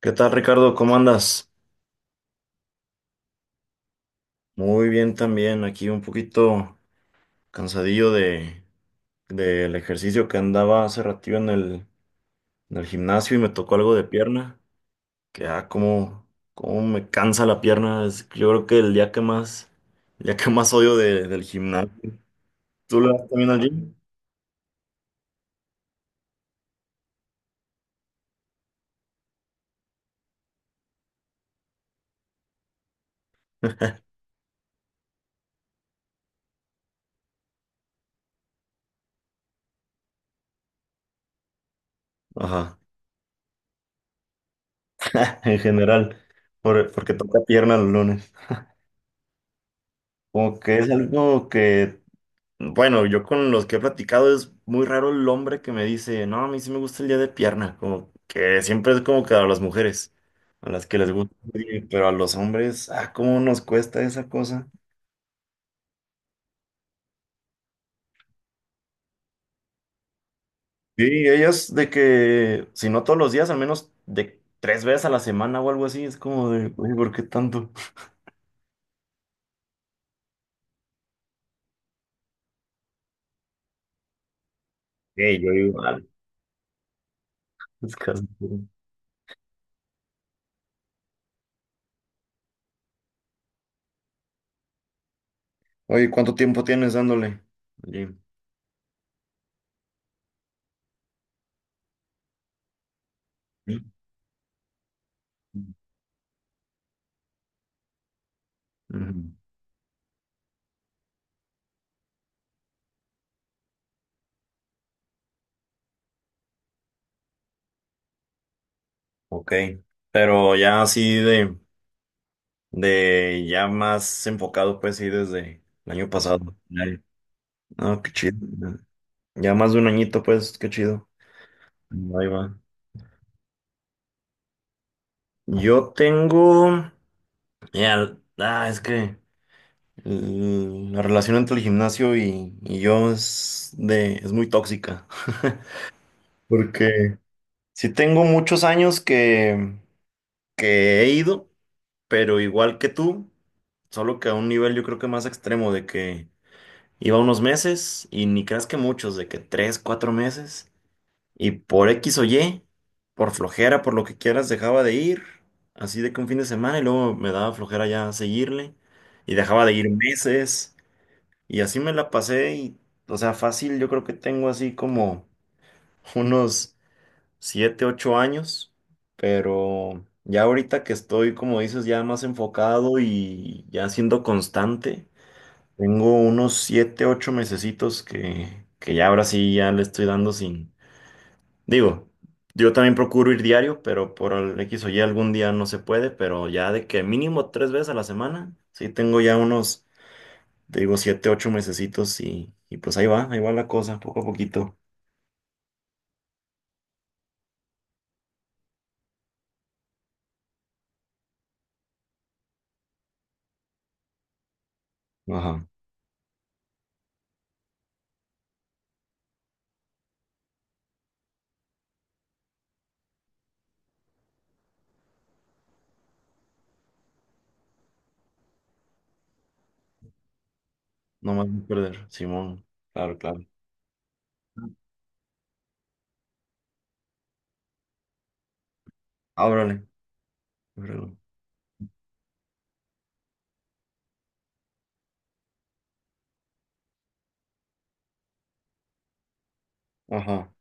¿Qué tal, Ricardo? ¿Cómo andas? Muy bien también, aquí un poquito cansadillo de del ejercicio que andaba hace ratito en el gimnasio y me tocó algo de pierna, que ah, cómo me cansa la pierna, es yo creo que el día que más odio del gimnasio. ¿Tú lo vas también al gym? Ajá, en general, porque toca pierna los lunes. Como que es algo que. Bueno, yo con los que he platicado es muy raro el hombre que me dice, no, a mí sí me gusta el día de pierna, como que siempre es como que a las mujeres, a las que les gusta, pero a los hombres, ah, cómo nos cuesta esa cosa. Sí, ellas de que, si no todos los días, al menos de 3 veces a la semana o algo así, es como de, oye, ¿por qué tanto? Sí, yo igual. Es casi puro. Oye, ¿cuánto tiempo tienes dándole al gym? Ujú. Ok, pero ya así de ya más enfocado, pues sí, desde el año pasado. Ay, no, qué chido. Ya más de un añito, pues, qué chido. Ahí va. Yo tengo, ya, ah, es que la relación entre el gimnasio y yo es de, es muy tóxica. Porque sí tengo muchos años que he ido, pero igual que tú, solo que a un nivel yo creo que más extremo de que iba unos meses y ni creas que muchos, de que 3, 4 meses. Y por X o Y, por flojera, por lo que quieras, dejaba de ir. Así de que un fin de semana y luego me daba flojera ya seguirle. Y dejaba de ir meses. Y así me la pasé y, o sea, fácil, yo creo que tengo así como unos 7, 8 años. Pero ya ahorita que estoy, como dices, ya más enfocado y ya siendo constante. Tengo unos 7, 8 mesecitos que ya ahora sí ya le estoy dando sin. Digo, yo también procuro ir diario, pero por el X o Y algún día no se puede, pero ya de que mínimo 3 veces a la semana, sí tengo ya unos, te digo, 7, 8 mesecitos y pues ahí va la cosa, poco a poquito. Ajá. No más no perder, Simón. Claro, claro. Ábrale, ábrale. Ajá.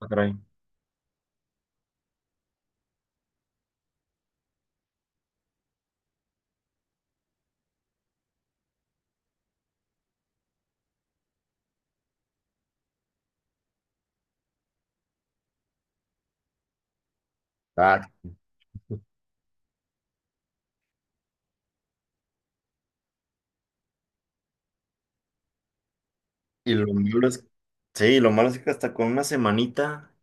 Ah, caray. Ah, y lo malo es. Sí, lo malo es que hasta con una semanita.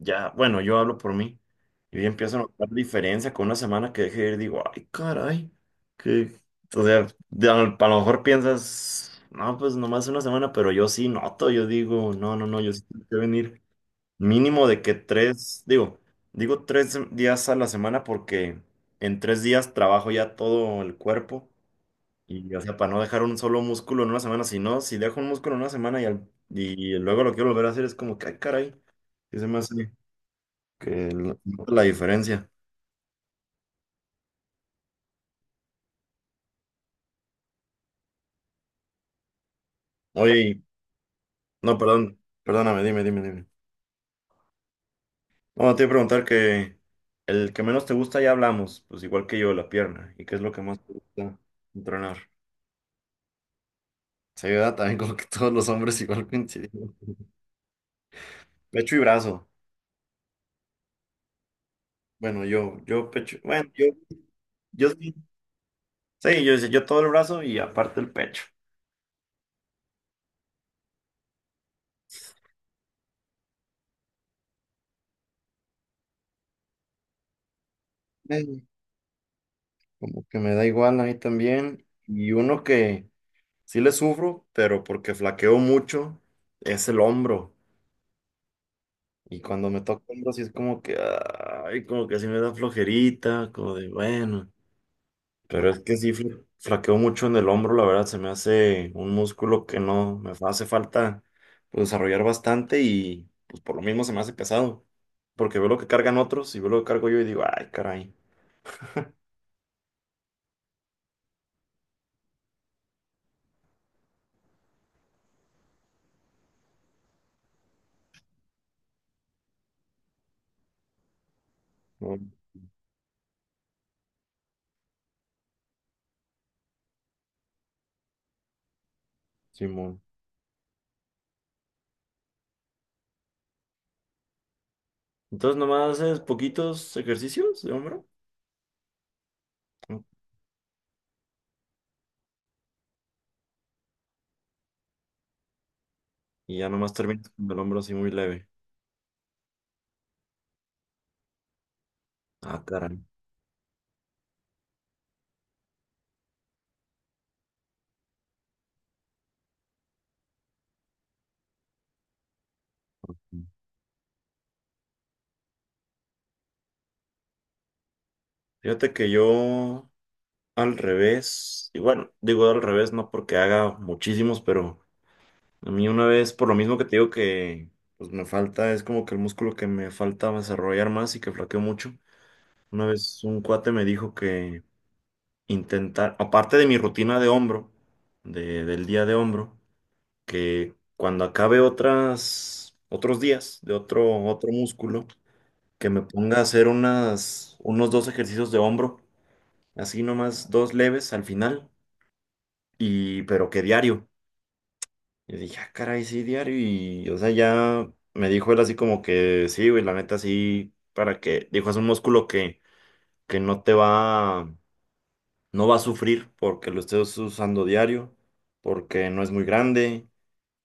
Ya, bueno, yo hablo por mí. Yo ya empiezo a notar diferencia con una semana que dejé de ir, digo, ay, caray, que, o sea, a lo mejor piensas, no, pues nomás una semana, pero yo sí noto, yo digo, no, no, no, yo sí tengo que venir mínimo de que tres, digo, digo 3 días a la semana porque en 3 días trabajo ya todo el cuerpo y, o sea, para no dejar un solo músculo en una semana, si no, si dejo un músculo en una semana y luego lo quiero volver a hacer, es como que, ay, caray, que se me hace que nota la diferencia. Oye, no, perdón, perdóname, dime, dime, dime. No, te iba a preguntar que el que menos te gusta ya hablamos, pues igual que yo, la pierna. ¿Y qué es lo que más te gusta entrenar? Se ayuda también como que todos los hombres igual coincidimos. Pecho y brazo. Bueno, yo pecho, bueno, yo sí, sí, yo todo el brazo y aparte el pecho. Eh, Como que me da igual a mí también. Y uno que sí le sufro, pero porque flaqueo mucho, es el hombro. Y cuando me toca hombros, sí es como que, ay, como que sí me da flojerita, como de, bueno. Pero es que sí flaqueo mucho en el hombro, la verdad, se me hace un músculo que no, hace falta pues, desarrollar bastante y pues por lo mismo se me hace pesado. Porque veo lo que cargan otros y veo lo que cargo yo y digo, ay, caray, no, Simón. Entonces nomás haces poquitos ejercicios de hombro, ¿no? Y ya nomás terminas con el hombro así muy leve. Ah, caray. Fíjate que yo. Al revés, y bueno, digo al revés, no porque haga muchísimos, pero a mí una vez, por lo mismo que te digo que pues me falta, es como que el músculo que me falta desarrollar más y que flaqueo mucho. Una vez un cuate me dijo que intentar, aparte de mi rutina de hombro, del día de hombro, que cuando acabe otras, otros días de otro músculo, que me ponga a hacer unas, unos dos ejercicios de hombro, así nomás dos leves al final. Y, pero que diario. Yo dije, ah, caray, sí, diario. Y, o sea, ya me dijo él así como que, sí, güey, la neta, sí, para que, dijo, es un músculo que no te va, no va a sufrir porque lo estés usando diario, porque no es muy grande.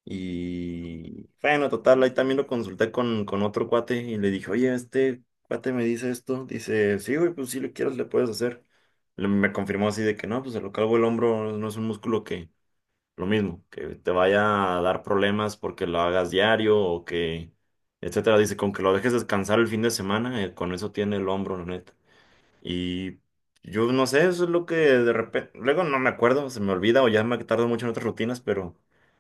Y, bueno, total, ahí también lo consulté con otro cuate y le dije, oye, este cuate me dice esto. Dice, sí, güey, pues si le quieres, le puedes hacer. Me confirmó así de que no, pues el calvo el hombro no es un músculo que lo mismo, que te vaya a dar problemas porque lo hagas diario o que, etcétera. Dice, con que lo dejes descansar el fin de semana, con eso tiene el hombro, la neta. Y yo no sé, eso es lo que de repente, luego no me acuerdo, se me olvida o ya me tardo mucho en otras rutinas, pero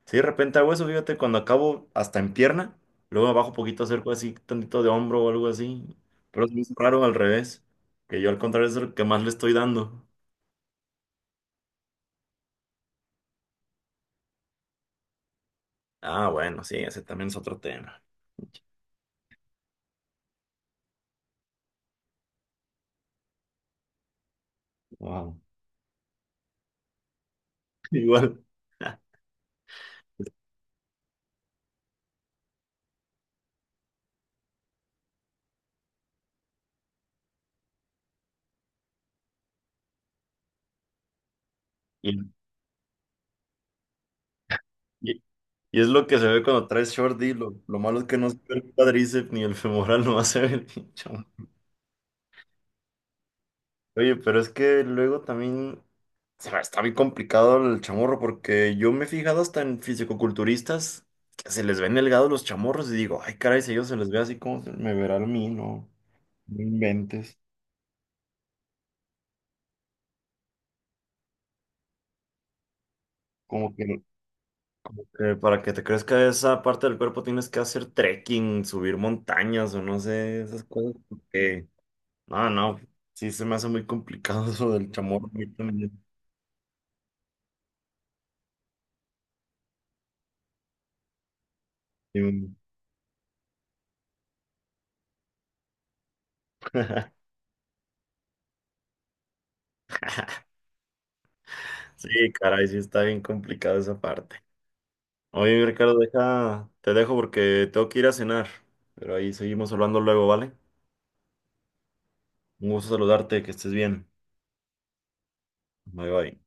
si de repente hago eso, fíjate, cuando acabo hasta en pierna, luego bajo poquito, acerco así, tantito de hombro o algo así. Pero es muy raro al revés, que yo al contrario es el que más le estoy dando. Ah, bueno, sí, ese también es otro tema. Wow. Igual. Y, y- y es lo que se ve cuando traes short D. Lo malo es que no se ve el cuádriceps ni el femoral, no se ve el chamorro. Oye, pero es que luego también se me está muy complicado el chamorro porque yo me he fijado hasta en fisicoculturistas que se les ven delgados los chamorros y digo, ay, caray, si a ellos se les ve así, como me verá a mí? No, no inventes. Como que para que te crezca esa parte del cuerpo tienes que hacer trekking, subir montañas o no sé, esas cosas. Porque no, no, sí se me hace muy complicado eso del chamorro a mí también. Sí, sí, caray, sí está bien complicado esa parte. Oye, Ricardo, deja, te dejo porque tengo que ir a cenar, pero ahí seguimos hablando luego, ¿vale? Un gusto saludarte, que estés bien. Bye bye.